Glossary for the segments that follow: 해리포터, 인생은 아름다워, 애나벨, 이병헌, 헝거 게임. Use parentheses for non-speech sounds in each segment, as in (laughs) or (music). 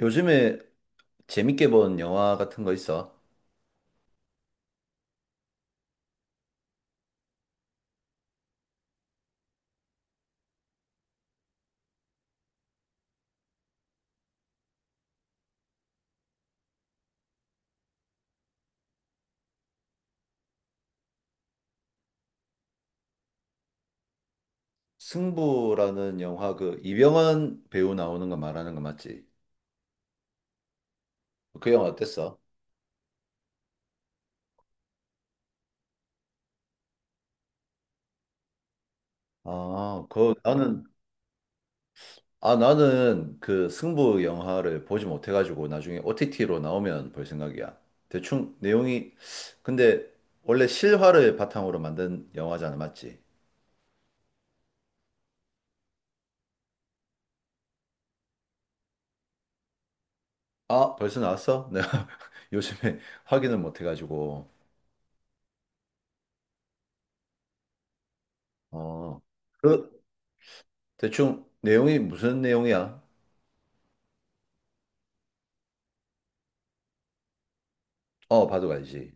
요즘에 재밌게 본 영화 같은 거 있어? 승부라는 영화 그 이병헌 배우 나오는 거 말하는 거 맞지? 그 영화 어땠어? 아, 그 나는 나는 그 승부 영화를 보지 못해 가지고 나중에 OTT로 나오면 볼 생각이야. 대충 내용이 근데 원래 실화를 바탕으로 만든 영화잖아, 맞지? 아, 벌써 나왔어? (laughs) 내가 요즘에 확인을 못해 가지고. 어. 그 대충 내용이 무슨 내용이야? 어, 바둑 알지.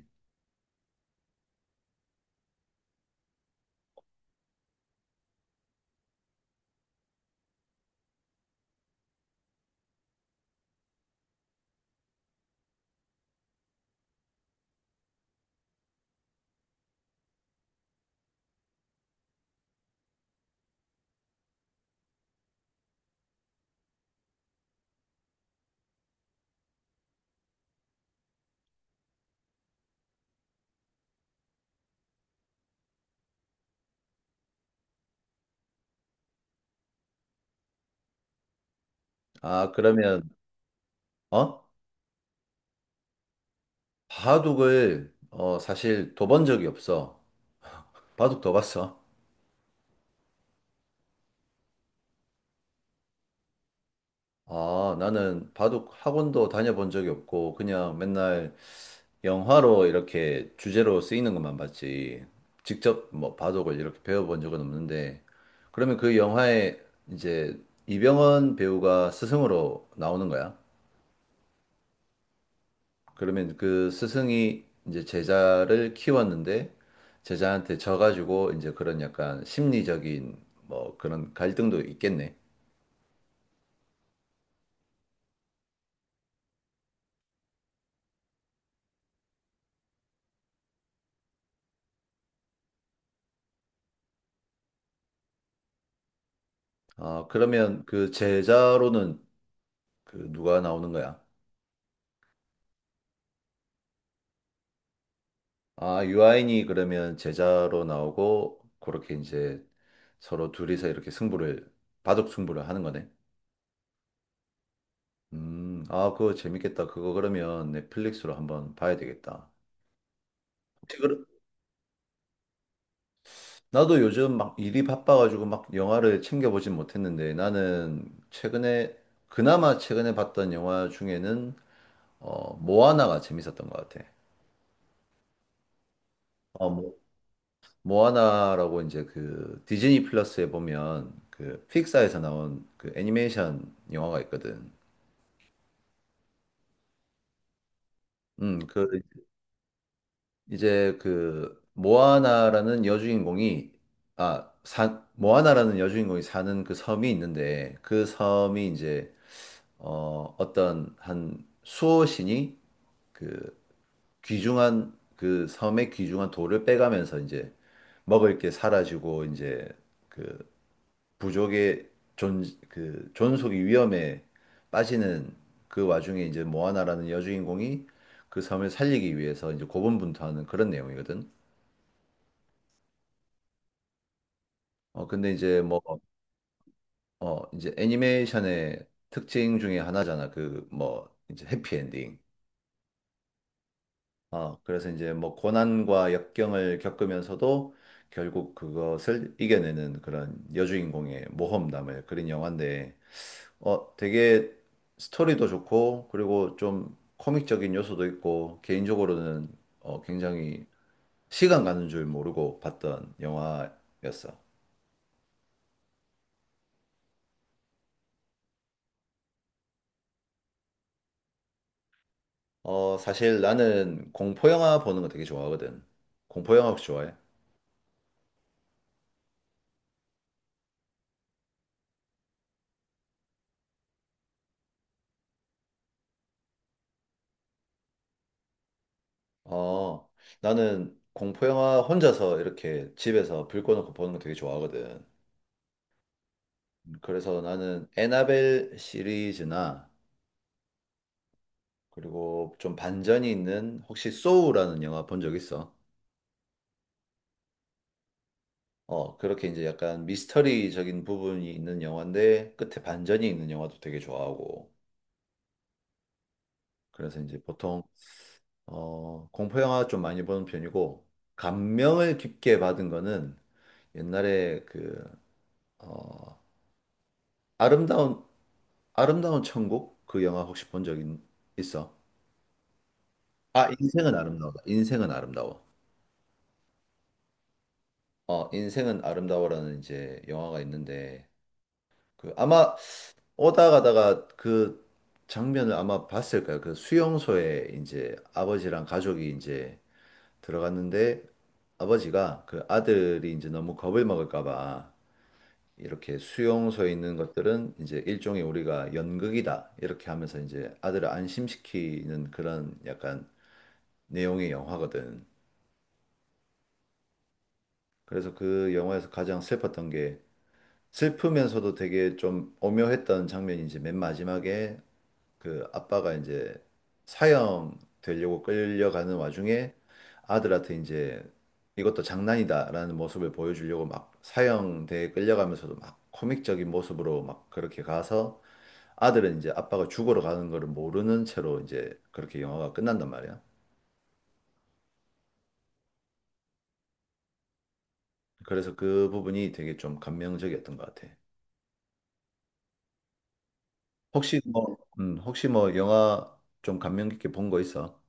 아, 그러면, 어? 바둑을, 사실 둬본 적이 없어. 바둑 둬 봤어? 아, 나는 바둑 학원도 다녀본 적이 없고, 그냥 맨날 영화로 이렇게 주제로 쓰이는 것만 봤지. 직접 뭐 바둑을 이렇게 배워본 적은 없는데, 그러면 그 영화에 이제 이병헌 배우가 스승으로 나오는 거야? 그러면 그 스승이 이제 제자를 키웠는데 제자한테 져가지고 이제 그런 약간 심리적인 뭐 그런 갈등도 있겠네. 아, 그러면 그 제자로는 그 누가 나오는 거야? 아, 유아인이 그러면 제자로 나오고 그렇게 이제 서로 둘이서 이렇게 승부를 바둑 승부를 하는 거네. 아, 그거 재밌겠다. 그거 그러면 넷플릭스로 한번 봐야 되겠다. 혹시, 그, 나도 요즘 막 일이 바빠가지고 막 영화를 챙겨보진 못했는데 나는 최근에 그나마 최근에 봤던 영화 중에는 어 모아나가 재밌었던 것 같아. 어 뭐, 모아나라고 이제 그 디즈니 플러스에 보면 그 픽사에서 나온 그 애니메이션 영화가 있거든. 그 이제 그 모아나라는 여주인공이 모아나라는 여주인공이 사는 그 섬이 있는데 그 섬이 이제 어, 어떤 한 수호신이 그 귀중한 그 섬의 귀중한 돌을 빼가면서 이제 먹을 게 사라지고 이제 그 부족의 존, 그 존속이 위험에 빠지는 그 와중에 이제 모아나라는 여주인공이 그 섬을 살리기 위해서 이제 고군분투하는 그런 내용이거든. 어, 근데 이제 뭐, 어, 이제 애니메이션의 특징 중에 하나잖아. 그 뭐, 이제 해피엔딩. 어, 그래서 이제 뭐 고난과 역경을 겪으면서도 결국 그것을 이겨내는 그런 여주인공의 모험담을 그린 영화인데, 어, 되게 스토리도 좋고, 그리고 좀 코믹적인 요소도 있고, 개인적으로는 어, 굉장히 시간 가는 줄 모르고 봤던 영화였어. 어, 사실 나는 공포 영화 보는 거 되게 좋아하거든. 공포 영화 혹시 좋아해? 어, 나는 공포 영화 혼자서 이렇게 집에서 불 꺼놓고 보는 거 되게 좋아하거든. 그래서 나는 애나벨 시리즈나 그리고 좀 반전이 있는 혹시 소우라는 영화 본 적 있어? 어, 그렇게 이제 약간 미스터리적인 부분이 있는 영화인데 끝에 반전이 있는 영화도 되게 좋아하고. 그래서 이제 보통 어, 공포 영화 좀 많이 보는 편이고 감명을 깊게 받은 거는 옛날에 그 어, 아름다운 아름다운 천국? 그 영화 혹시 본 적 있어? 아, 인생은 아름다워. 인생은 아름다워. 어, 인생은 아름다워라는 이제 영화가 있는데 그 아마 오다 가다가 그 장면을 아마 봤을 거야. 그 수용소에 이제 아버지랑 가족이 이제 들어갔는데 아버지가 그 아들이 이제 너무 겁을 먹을까 봐 이렇게 수용소에 있는 것들은 이제 일종의 우리가 연극이다. 이렇게 하면서 이제 아들을 안심시키는 그런 약간 내용의 영화거든. 그래서 그 영화에서 가장 슬펐던 게 슬프면서도 되게 좀 오묘했던 장면이 이제 맨 마지막에 그 아빠가 이제 사형 되려고 끌려가는 와중에 아들한테 이제 이것도 장난이다라는 모습을 보여주려고 막 사형대에 끌려가면서도 막 코믹적인 모습으로 막 그렇게 가서 아들은 이제 아빠가 죽으러 가는 거를 모르는 채로 이제 그렇게 영화가 끝난단 말이야. 그래서 그 부분이 되게 좀 감명적이었던 것 같아. 혹시 뭐, 혹시 뭐 영화 좀 감명 깊게 본 거 있어?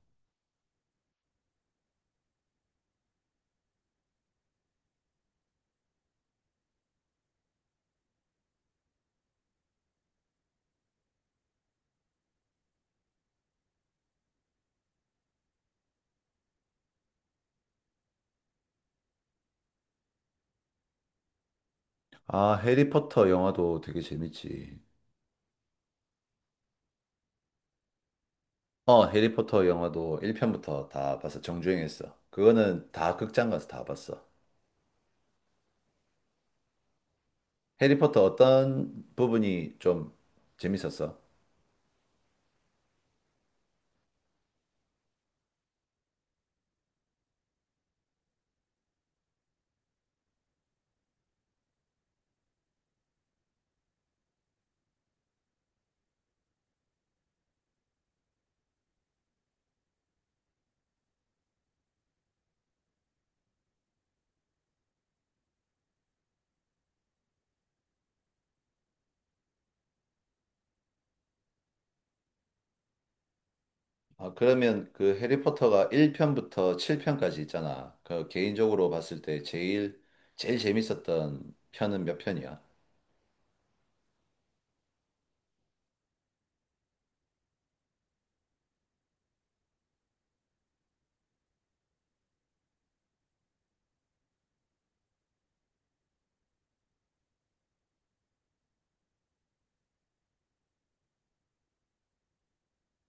아, 해리포터 영화도 되게 재밌지. 어, 해리포터 영화도 1편부터 다 봤어. 정주행했어. 그거는 다 극장 가서 다 봤어. 해리포터 어떤 부분이 좀 재밌었어? 아, 그러면 그 해리포터가 1편부터 7편까지 있잖아. 그 개인적으로 봤을 때 제일 재밌었던 편은 몇 편이야?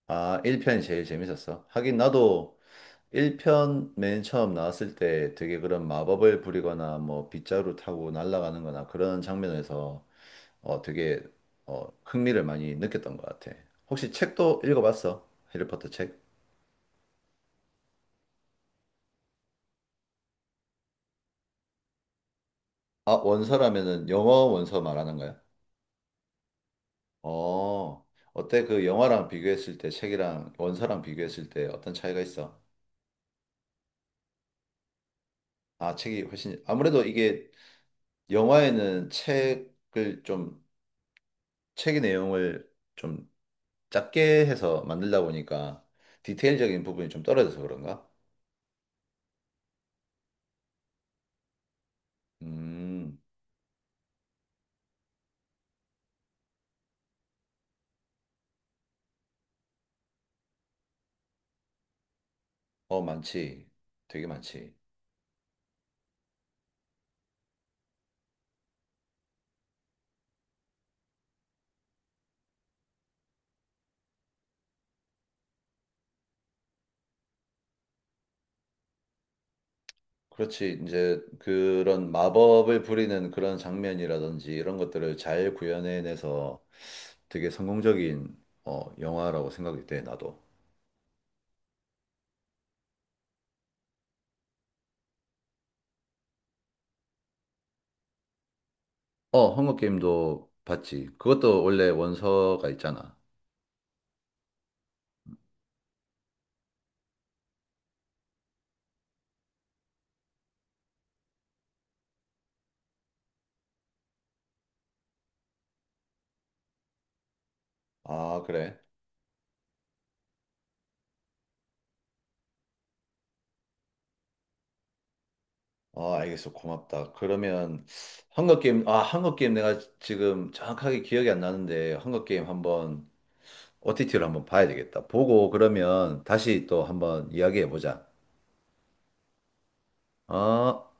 아, 1편이 제일 재밌었어. 하긴 나도 1편 맨 처음 나왔을 때 되게 그런 마법을 부리거나 뭐 빗자루 타고 날아가는 거나 그런 장면에서 어 되게 어 흥미를 많이 느꼈던 것 같아. 혹시 책도 읽어봤어? 해리포터 책? 아, 원서라면은 영어 원서 말하는 거야? 어, 어때? 그 영화랑 비교했을 때 책이랑 원서랑 비교했을 때 어떤 차이가 있어? 아, 책이 훨씬 아무래도 이게 영화에는 책을 좀 책의 내용을 좀 작게 해서 만들다 보니까 디테일적인 부분이 좀 떨어져서 그런가? 음, 어, 많지. 되게 많지. 그렇지. 이제 그런 마법을 부리는 그런 장면이라든지 이런 것들을 잘 구현해내서 되게 성공적인 어, 영화라고 생각이 돼, 나도. 어, 헝거 게임도 봤지. 그것도 원래 원서가 있잖아. 아, 그래. 어, 알겠어. 고맙다. 그러면 헝거 게임, 아, 헝거 게임 내가 지금 정확하게 기억이 안 나는데 헝거 게임 한번 OTT로 한번 봐야 되겠다. 보고 그러면 다시 또 한번 이야기해 보자. 어?